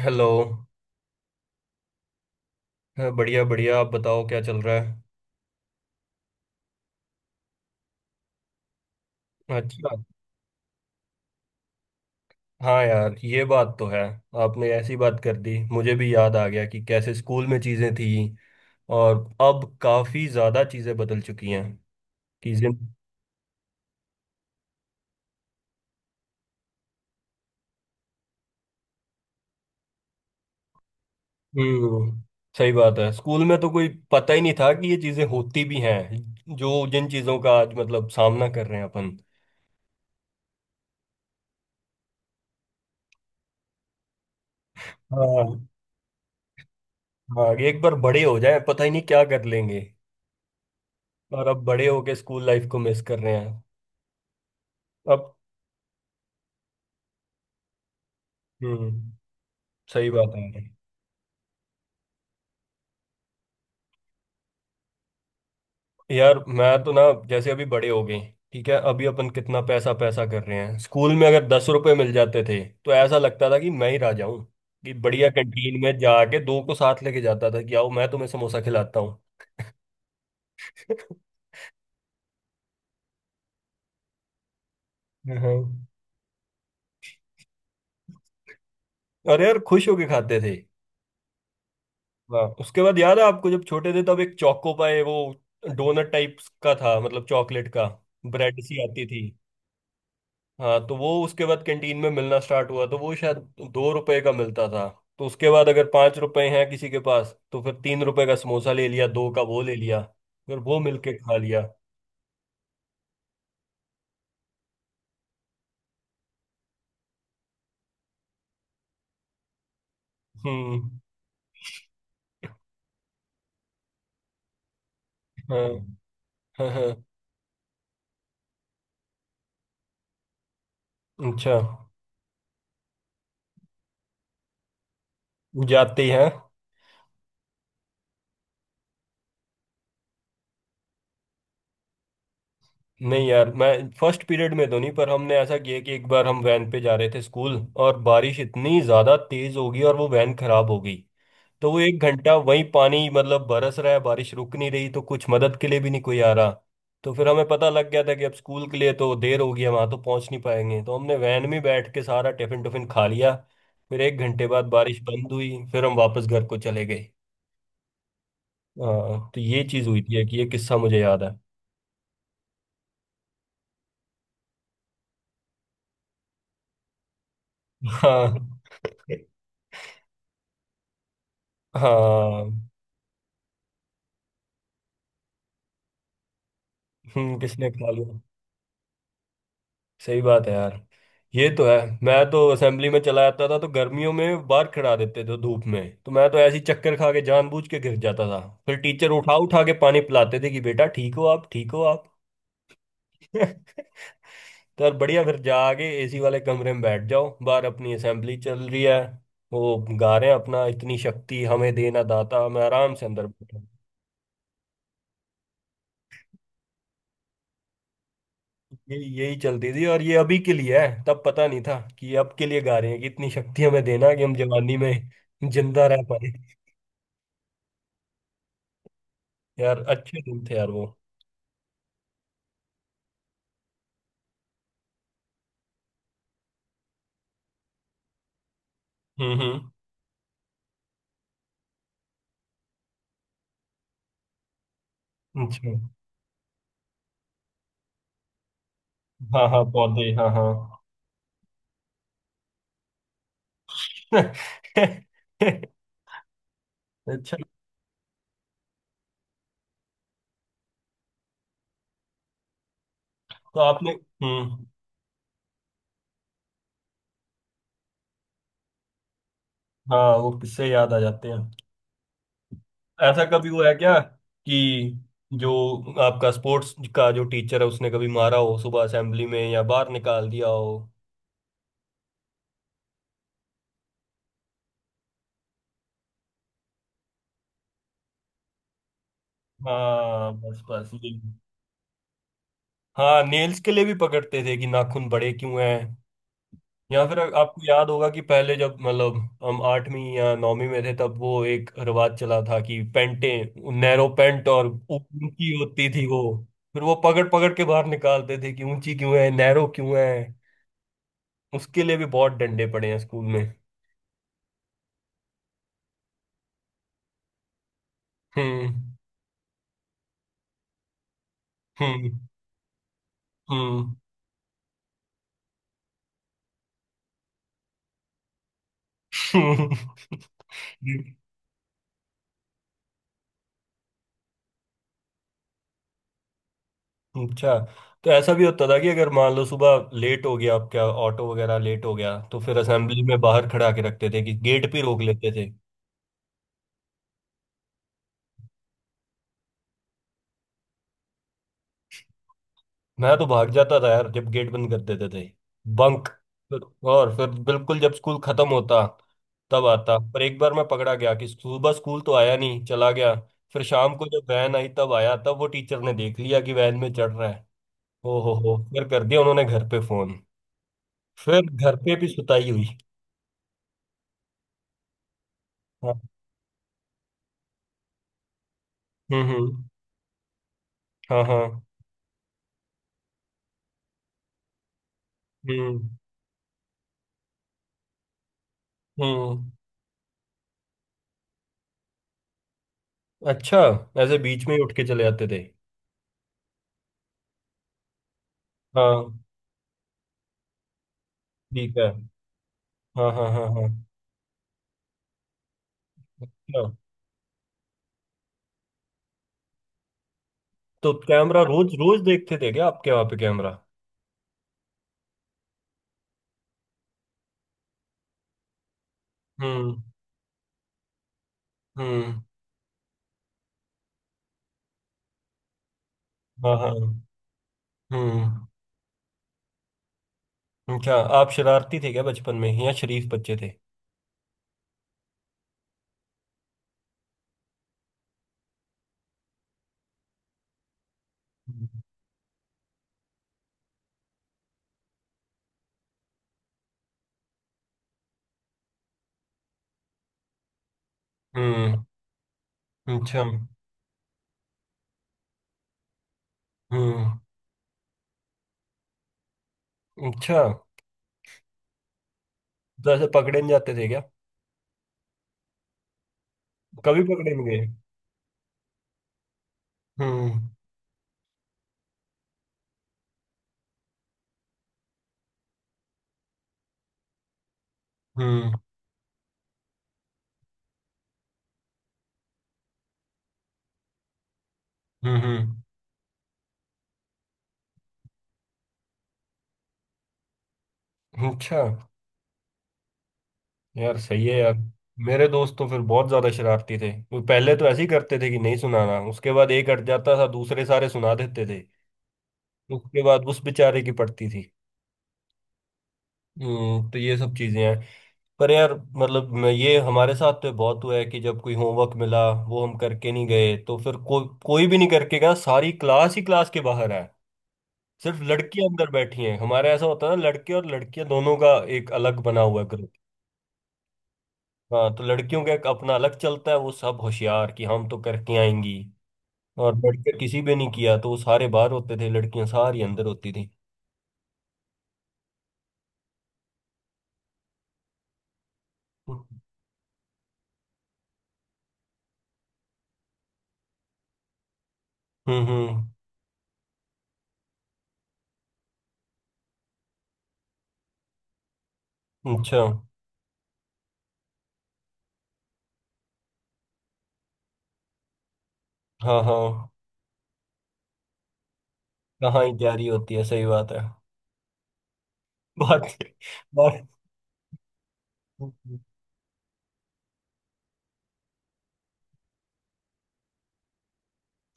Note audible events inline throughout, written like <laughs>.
Hello. हाँ, बढ़िया बढ़िया। आप बताओ क्या चल रहा है। अच्छा। हाँ यार, ये बात तो है। आपने ऐसी बात कर दी मुझे भी याद आ गया कि कैसे स्कूल में चीज़ें थी। और अब काफ़ी ज़्यादा चीज़ें बदल चुकी हैं। चीज़ें। हम्म। सही बात है। स्कूल में तो कोई पता ही नहीं था कि ये चीज़ें होती भी हैं जो जिन चीज़ों का आज मतलब सामना कर रहे हैं अपन। हाँ। हाँ एक बार बड़े हो जाए पता ही नहीं क्या कर लेंगे। और अब बड़े होके स्कूल लाइफ को मिस कर रहे हैं। अब। हम्म। सही बात है। यार मैं तो ना जैसे अभी बड़े हो गए। ठीक है, अभी अपन कितना पैसा पैसा कर रहे हैं। स्कूल में अगर 10 रुपए मिल जाते थे तो ऐसा लगता था कि मैं ही राजा हूँ। कि बढ़िया कैंटीन में जाके दो को साथ लेके जाता था कि आओ मैं तुम्हें समोसा खिलाता हूँ। <laughs> हाँ। अरे यार खुश होके खाते थे। हाँ उसके बाद याद है आपको जब छोटे थे तब एक चोको पाए वो डोनट टाइप का था, मतलब चॉकलेट का। ब्रेड सी आती थी। हाँ तो वो उसके बाद कैंटीन में मिलना स्टार्ट हुआ तो वो शायद 2 रुपए का मिलता था। तो उसके बाद अगर 5 रुपए हैं किसी के पास तो फिर 3 रुपए का समोसा ले लिया, दो का वो ले लिया, फिर वो मिलके खा लिया। हम्म। हाँ हाँ हाँ। अच्छा। जाते हैं। नहीं यार, मैं फर्स्ट पीरियड में तो नहीं, पर हमने ऐसा किया कि एक बार हम वैन पे जा रहे थे स्कूल और बारिश इतनी ज़्यादा तेज़ हो गई और वो वैन खराब हो गई। तो वो 1 घंटा वही पानी, मतलब बरस रहा है बारिश रुक नहीं रही, तो कुछ मदद के लिए भी नहीं कोई आ रहा। तो फिर हमें पता लग गया था कि अब स्कूल के लिए तो देर होगी, हम वहां तो पहुंच नहीं पाएंगे, तो हमने वैन में बैठ के सारा टिफिन टुफिन खा लिया। फिर 1 घंटे बाद बारिश बंद हुई फिर हम वापस घर को चले गए। हाँ तो ये चीज हुई थी कि ये किस्सा मुझे याद है। हाँ। <laughs> हाँ। किसने खा लिया। सही बात है यार, ये तो है। मैं तो असेंबली में चला जाता था तो गर्मियों में बाहर खड़ा देते थे धूप में, तो मैं तो ऐसी चक्कर खा के जानबूझ के गिर जाता था। फिर टीचर उठा उठा के पानी पिलाते थे कि बेटा ठीक हो आप, ठीक हो आप। <laughs> तो यार बढ़िया, फिर जाके एसी वाले कमरे में बैठ जाओ, बाहर अपनी असेंबली चल रही है, वो गा रहे हैं अपना इतनी शक्ति हमें देना दाता, मैं आराम से अंदर बैठा। यही यही चलती थी। और ये अभी के लिए है, तब पता नहीं था कि ये अब के लिए गा रहे हैं कि इतनी शक्ति हमें देना कि हम जवानी में जिंदा रह पाए। यार अच्छे दिन थे यार वो। हम्म। अच्छा। हाँ हाँ पौधे हाँ हाँ। <laughs> अच्छा। तो आपने। हम्म। हाँ वो किससे याद आ जाते हैं। ऐसा कभी हुआ है क्या कि जो आपका स्पोर्ट्स का जो टीचर है उसने कभी मारा हो सुबह असेंबली में या बाहर निकाल दिया हो। हाँ बस बस यही। हाँ नेल्स के लिए भी पकड़ते थे कि नाखून बड़े क्यों हैं। या फिर आपको याद होगा कि पहले जब मतलब हम आठवीं या नौवीं में थे तब वो एक रिवाज चला था कि पैंटें नैरो पैंट और ऊंची होती थी वो। फिर वो पकड़ पकड़ के बाहर निकालते थे कि ऊंची क्यों है, नैरो क्यों है। उसके लिए भी बहुत डंडे पड़े हैं स्कूल में। हम्म। हम्म। हम्म। <laughs> हम्म। अच्छा, तो ऐसा भी होता था कि अगर मान लो सुबह लेट हो गया आपका ऑटो वगैरह लेट हो गया, तो फिर असेंबली में बाहर खड़ा के रखते थे, कि गेट पे रोक लेते थे। मैं तो भाग जाता था यार जब गेट बंद कर देते थे। बंक। और फिर बिल्कुल जब स्कूल खत्म होता तब आता, पर एक बार मैं पकड़ा गया कि सुबह स्कूल तो आया नहीं, चला गया। फिर शाम को जब वैन आई तब आया, तब वो टीचर ने देख लिया कि वैन में चढ़ रहा है। ओ हो, फिर कर दिया उन्होंने घर पे फोन। फिर घर पे भी सुताई हुई। हाँ। हम्म। हाँ हाँ। हम्म हम्म। अच्छा, ऐसे बीच में ही उठ के चले आते थे। हाँ ठीक है। हाँ हाँ हाँ हाँ। अच्छा, तो कैमरा रोज रोज देखते थे क्या आपके वहां पे कैमरा। हम्म। हम्म। हाँ हाँ। हम्म। अच्छा, आप शरारती थे क्या बचपन में या शरीफ बच्चे थे। हम्म। अच्छा। हम्म। अच्छा, जैसे पकड़े नहीं जाते थे क्या। कभी पकड़े नहीं गए। हम्म। हम्म। हम्म। अच्छा। यार सही है यार। मेरे दोस्त तो फिर बहुत ज्यादा शरारती थे, वो पहले तो ऐसे ही करते थे कि नहीं सुनाना, उसके बाद एक अट जाता था दूसरे सारे सुना देते थे। उसके बाद उस बेचारे की पड़ती थी। हम्म। तो ये सब चीजें हैं। पर यार मतलब ये हमारे साथ तो बहुत हुआ है कि जब कोई होमवर्क मिला वो हम करके नहीं गए तो फिर कोई भी नहीं करके गया, सारी क्लास ही क्लास के बाहर है, सिर्फ लड़कियां अंदर बैठी हैं। हमारे ऐसा होता है ना, लड़के और लड़कियां दोनों का एक अलग बना हुआ ग्रुप। हाँ तो लड़कियों का एक अपना अलग चलता है, वो सब होशियार कि हम तो करके आएंगी। और लड़के किसी भी नहीं किया तो वो सारे बाहर होते थे, लड़कियां सारी अंदर होती थी। हम्म हम्म। अच्छा। हाँ हाँ। कहाँ ही तैयारी होती है, सही बात है। बहुत। बहुत।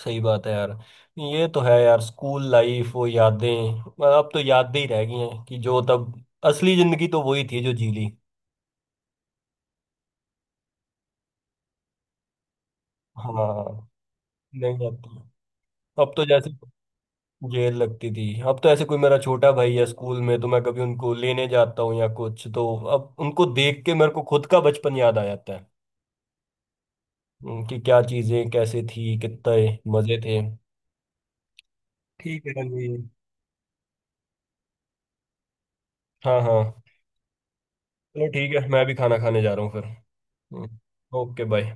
सही बात है यार, ये तो है यार। स्कूल लाइफ, वो यादें मतलब अब तो यादें ही रह गई हैं कि जो तब असली जिंदगी तो वही थी जो जी ली। हाँ। नहीं आती। अब तो जैसे जेल लगती थी। अब तो ऐसे कोई मेरा छोटा भाई है स्कूल में तो मैं कभी उनको लेने जाता हूँ या कुछ तो, अब उनको देख के मेरे को खुद का बचपन याद आ जाता है। कि क्या चीजें कैसे थी कितने मजे थे। ठीक है जी। हाँ हाँ। चलो ठीक है, मैं भी खाना खाने जा रहा हूँ फिर। हम्म। ओके भाई।